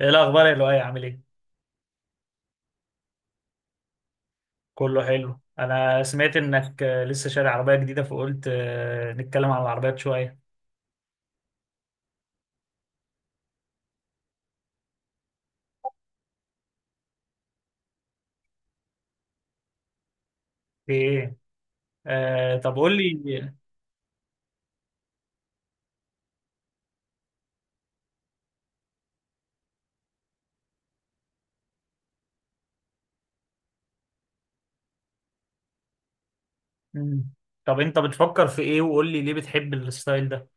ايه الاخبار يا لؤي؟ عامل ايه؟ كله حلو. انا سمعت انك لسه شاري عربيه جديده، فقلت نتكلم عن العربيات شويه. في ايه؟ آه طب قول لي. مم. طب انت بتفكر في ايه؟ وقول لي ليه بتحب الستايل ده.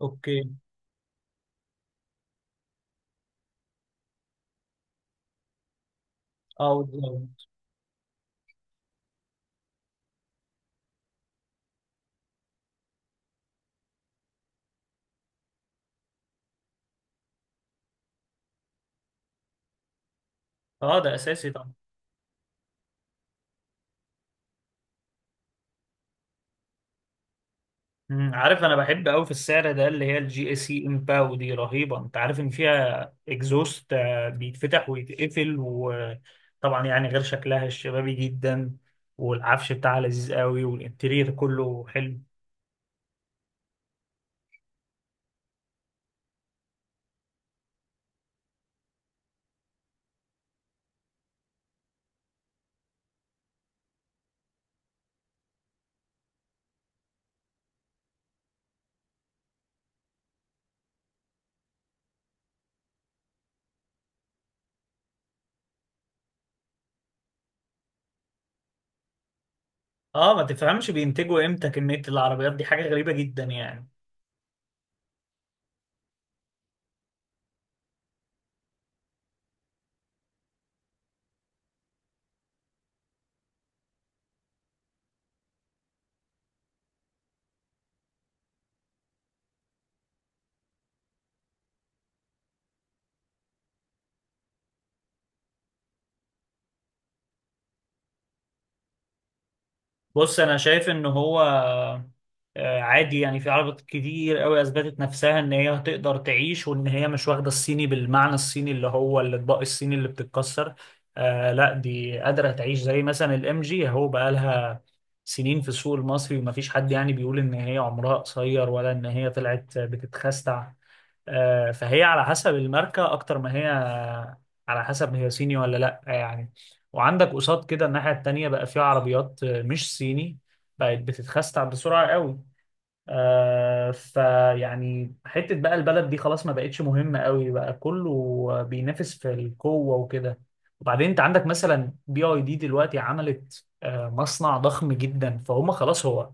اوكي. اه بالظبط. اه ده اساسي. مم، عارف انا بحب قوي في السعر ده، اللي هي الجي اي سي امباو، دي رهيبه. انت عارف ان فيها اكزوست بيتفتح ويتقفل، وطبعا يعني غير شكلها الشبابي جدا، والعفش بتاعها لذيذ قوي، والانتيرير كله حلو. اه ما تفهمش بينتجوا امتى كميه العربيات دي، حاجه غريبه جدا يعني. بص انا شايف ان هو عادي يعني، في عربيات كتير قوي اثبتت نفسها ان هي هتقدر تعيش، وان هي مش واخده الصيني بالمعنى الصيني اللي هو الاطباق الصيني اللي بتتكسر. آه لا، دي قادره تعيش، زي مثلا الام جي اهو، بقى لها سنين في السوق المصري، ومفيش حد يعني بيقول ان هي عمرها قصير ولا ان هي طلعت بتتخستع. فهي على حسب الماركة أكتر ما هي على حسب هي صيني ولا لأ يعني. وعندك قصاد كده الناحية التانية، بقى فيها عربيات مش صيني بقت بتتخستع بسرعة قوي. آه فيعني حتة بقى البلد دي خلاص ما بقتش مهمة قوي، بقى كله بينافس في القوة وكده. وبعدين انت عندك مثلا بي اي دي دلوقتي عملت مصنع ضخم جدا، فهم خلاص هو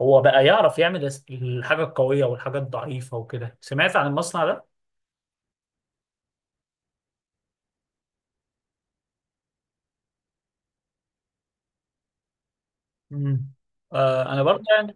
هو بقى يعرف يعمل الحاجة القوية والحاجة الضعيفة وكده. سمعت عن المصنع ده؟ مم. آه انا برضه يعني.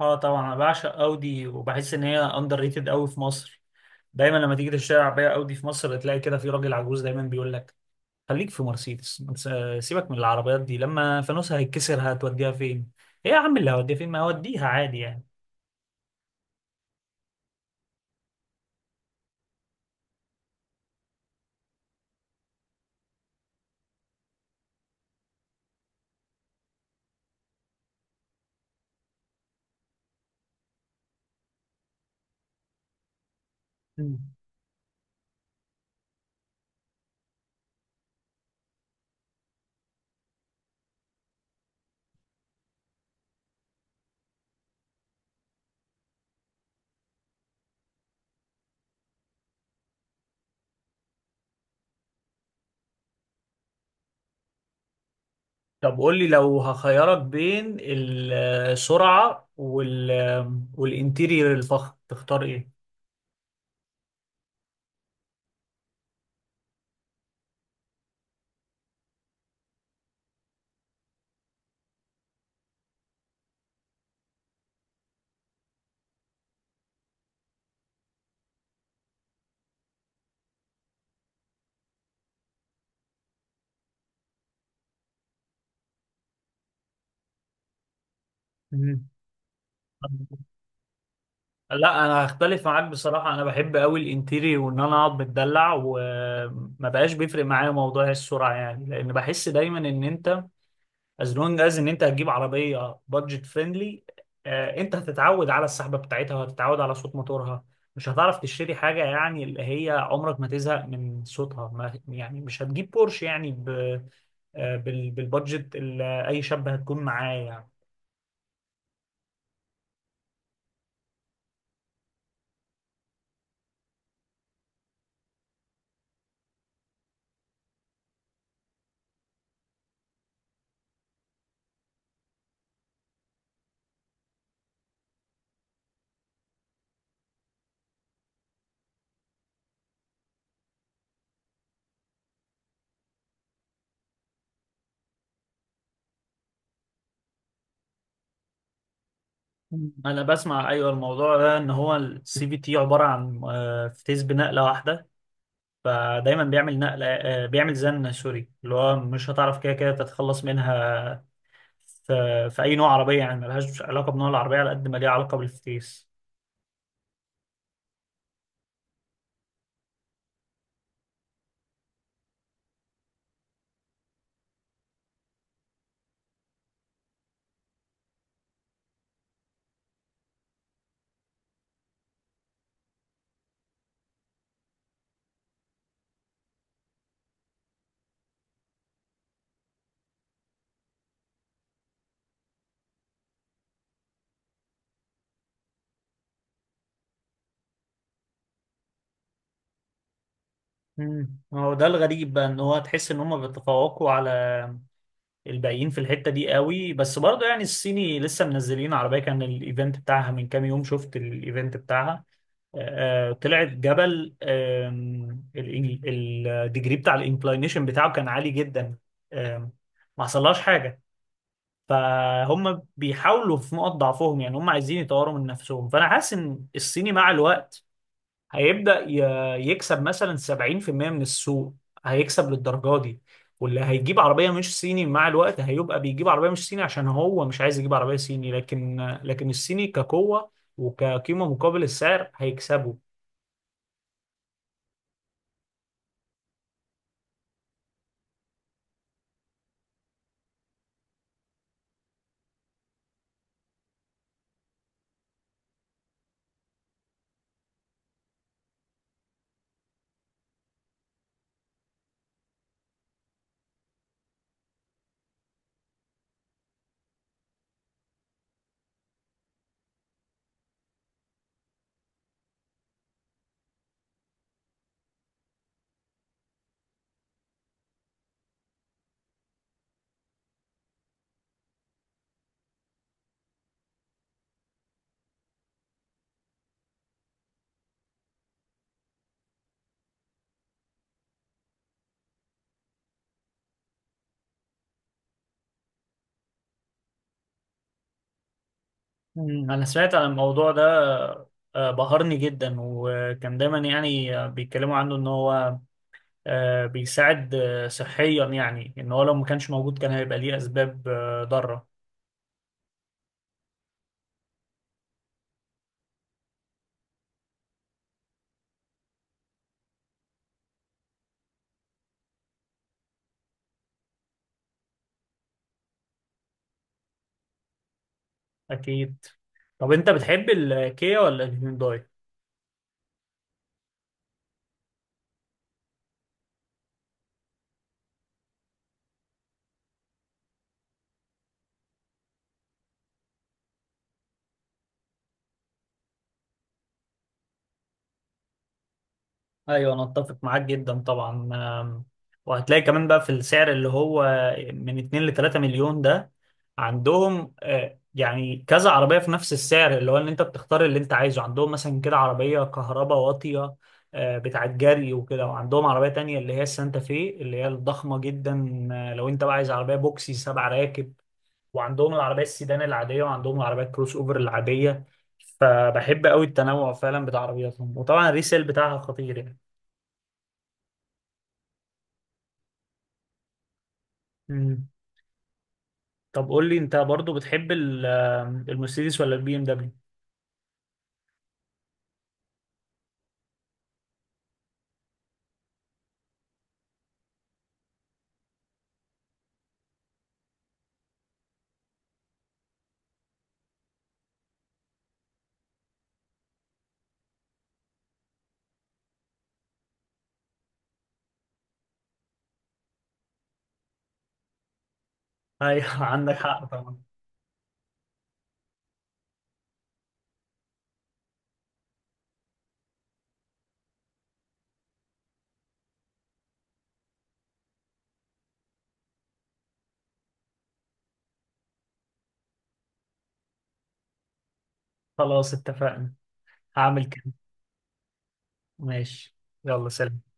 اه طبعا انا بعشق اودي، وبحس ان هي اندر ريتد قوي في مصر. دايما لما تيجي تشتري عربيه اودي في مصر، تلاقي كده في راجل عجوز دايما بيقول لك: خليك في مرسيدس، ما تس- آه، سيبك من العربيات دي، لما فانوسها هيتكسر هتوديها فين؟ ايه يا عم اللي هوديها فين؟ ما هوديها عادي يعني. مم. طب قول لي، لو هخيرك بين السرعه والانتيرير الفخم، تختار ايه؟ مم. لا انا هختلف معاك بصراحه. انا بحب قوي الانتيري، وان انا اقعد متدلع، وما بقاش بيفرق معايا موضوع السرعه يعني، لان بحس دايما ان انت از لونج از ان انت هتجيب عربيه بادجت فريندلي، انت هتتعود على السحبه بتاعتها، وهتتعود على صوت موتورها. مش هتعرف تشتري حاجه يعني اللي هي عمرك ما تزهق من صوتها، ما يعني مش هتجيب بورش يعني بالبادجت اللي اي شاب هتكون معاه يعني. انا بسمع ايوه الموضوع ده، ان هو السي في تي عباره عن فتيس بنقله واحده، فدايما بيعمل نقله بيعمل زن، سوري، اللي هو مش هتعرف كده كده تتخلص منها في, في اي نوع عربيه يعني، ملهاش علاقه بنوع العربيه على قد ما ليها علاقه بالفتيس. امم، هو ده الغريب بقى، ان هو تحس ان هم بيتفوقوا على الباقيين في الحته دي قوي. بس برضه يعني الصيني لسه منزلين عربيه، كان الايفنت بتاعها من كام يوم، شفت الايفنت بتاعها؟ طلعت جبل، الديجري بتاع الانكلاينيشن بتاعه كان عالي جدا. آم، ما حصلهاش حاجه. فهم بيحاولوا في نقط ضعفهم يعني، هم عايزين يطوروا من نفسهم. فانا حاسس ان الصيني مع الوقت هيبدا يكسب مثلا 70% من السوق، هيكسب للدرجه دي. واللي هيجيب عربيه مش صيني مع الوقت، هيبقى بيجيب عربيه مش صيني عشان هو مش عايز يجيب عربيه صيني. لكن الصيني كقوه وكقيمه مقابل السعر هيكسبوا. مم، أنا سمعت عن الموضوع ده. بهرني جدا، وكان دايما يعني بيتكلموا عنه إن هو بيساعد صحيا يعني، إن هو لو ما كانش موجود كان هيبقى ليه أسباب ضارة. أكيد. طب أنت بتحب الكيا ولا الهيونداي؟ ايوه انا اتفق معاك جدا طبعا. آم، وهتلاقي كمان بقى في السعر اللي هو من 2 ل 3 مليون ده، عندهم يعني كذا عربيه في نفس السعر، اللي هو ان انت بتختار اللي انت عايزه. عندهم مثلا كده عربيه كهرباء واطيه بتاعت جري وكده، وعندهم عربيه تانية اللي هي السانتا في اللي هي الضخمه جدا، لو انت بقى عايز عربيه بوكسي سبع راكب. وعندهم العربيه السيدان العاديه، وعندهم العربيه الكروس اوفر العاديه. فبحب قوي التنوع فعلا بتاع عربياتهم، وطبعا الريسيل بتاعها خطير يعني. مم. طب قول لي، انت برضو بتحب المرسيدس ولا البي ام دبليو؟ ايوه عندك حق طبعا. خلاص اتفقنا، هعمل كده. ماشي. يلا سلام.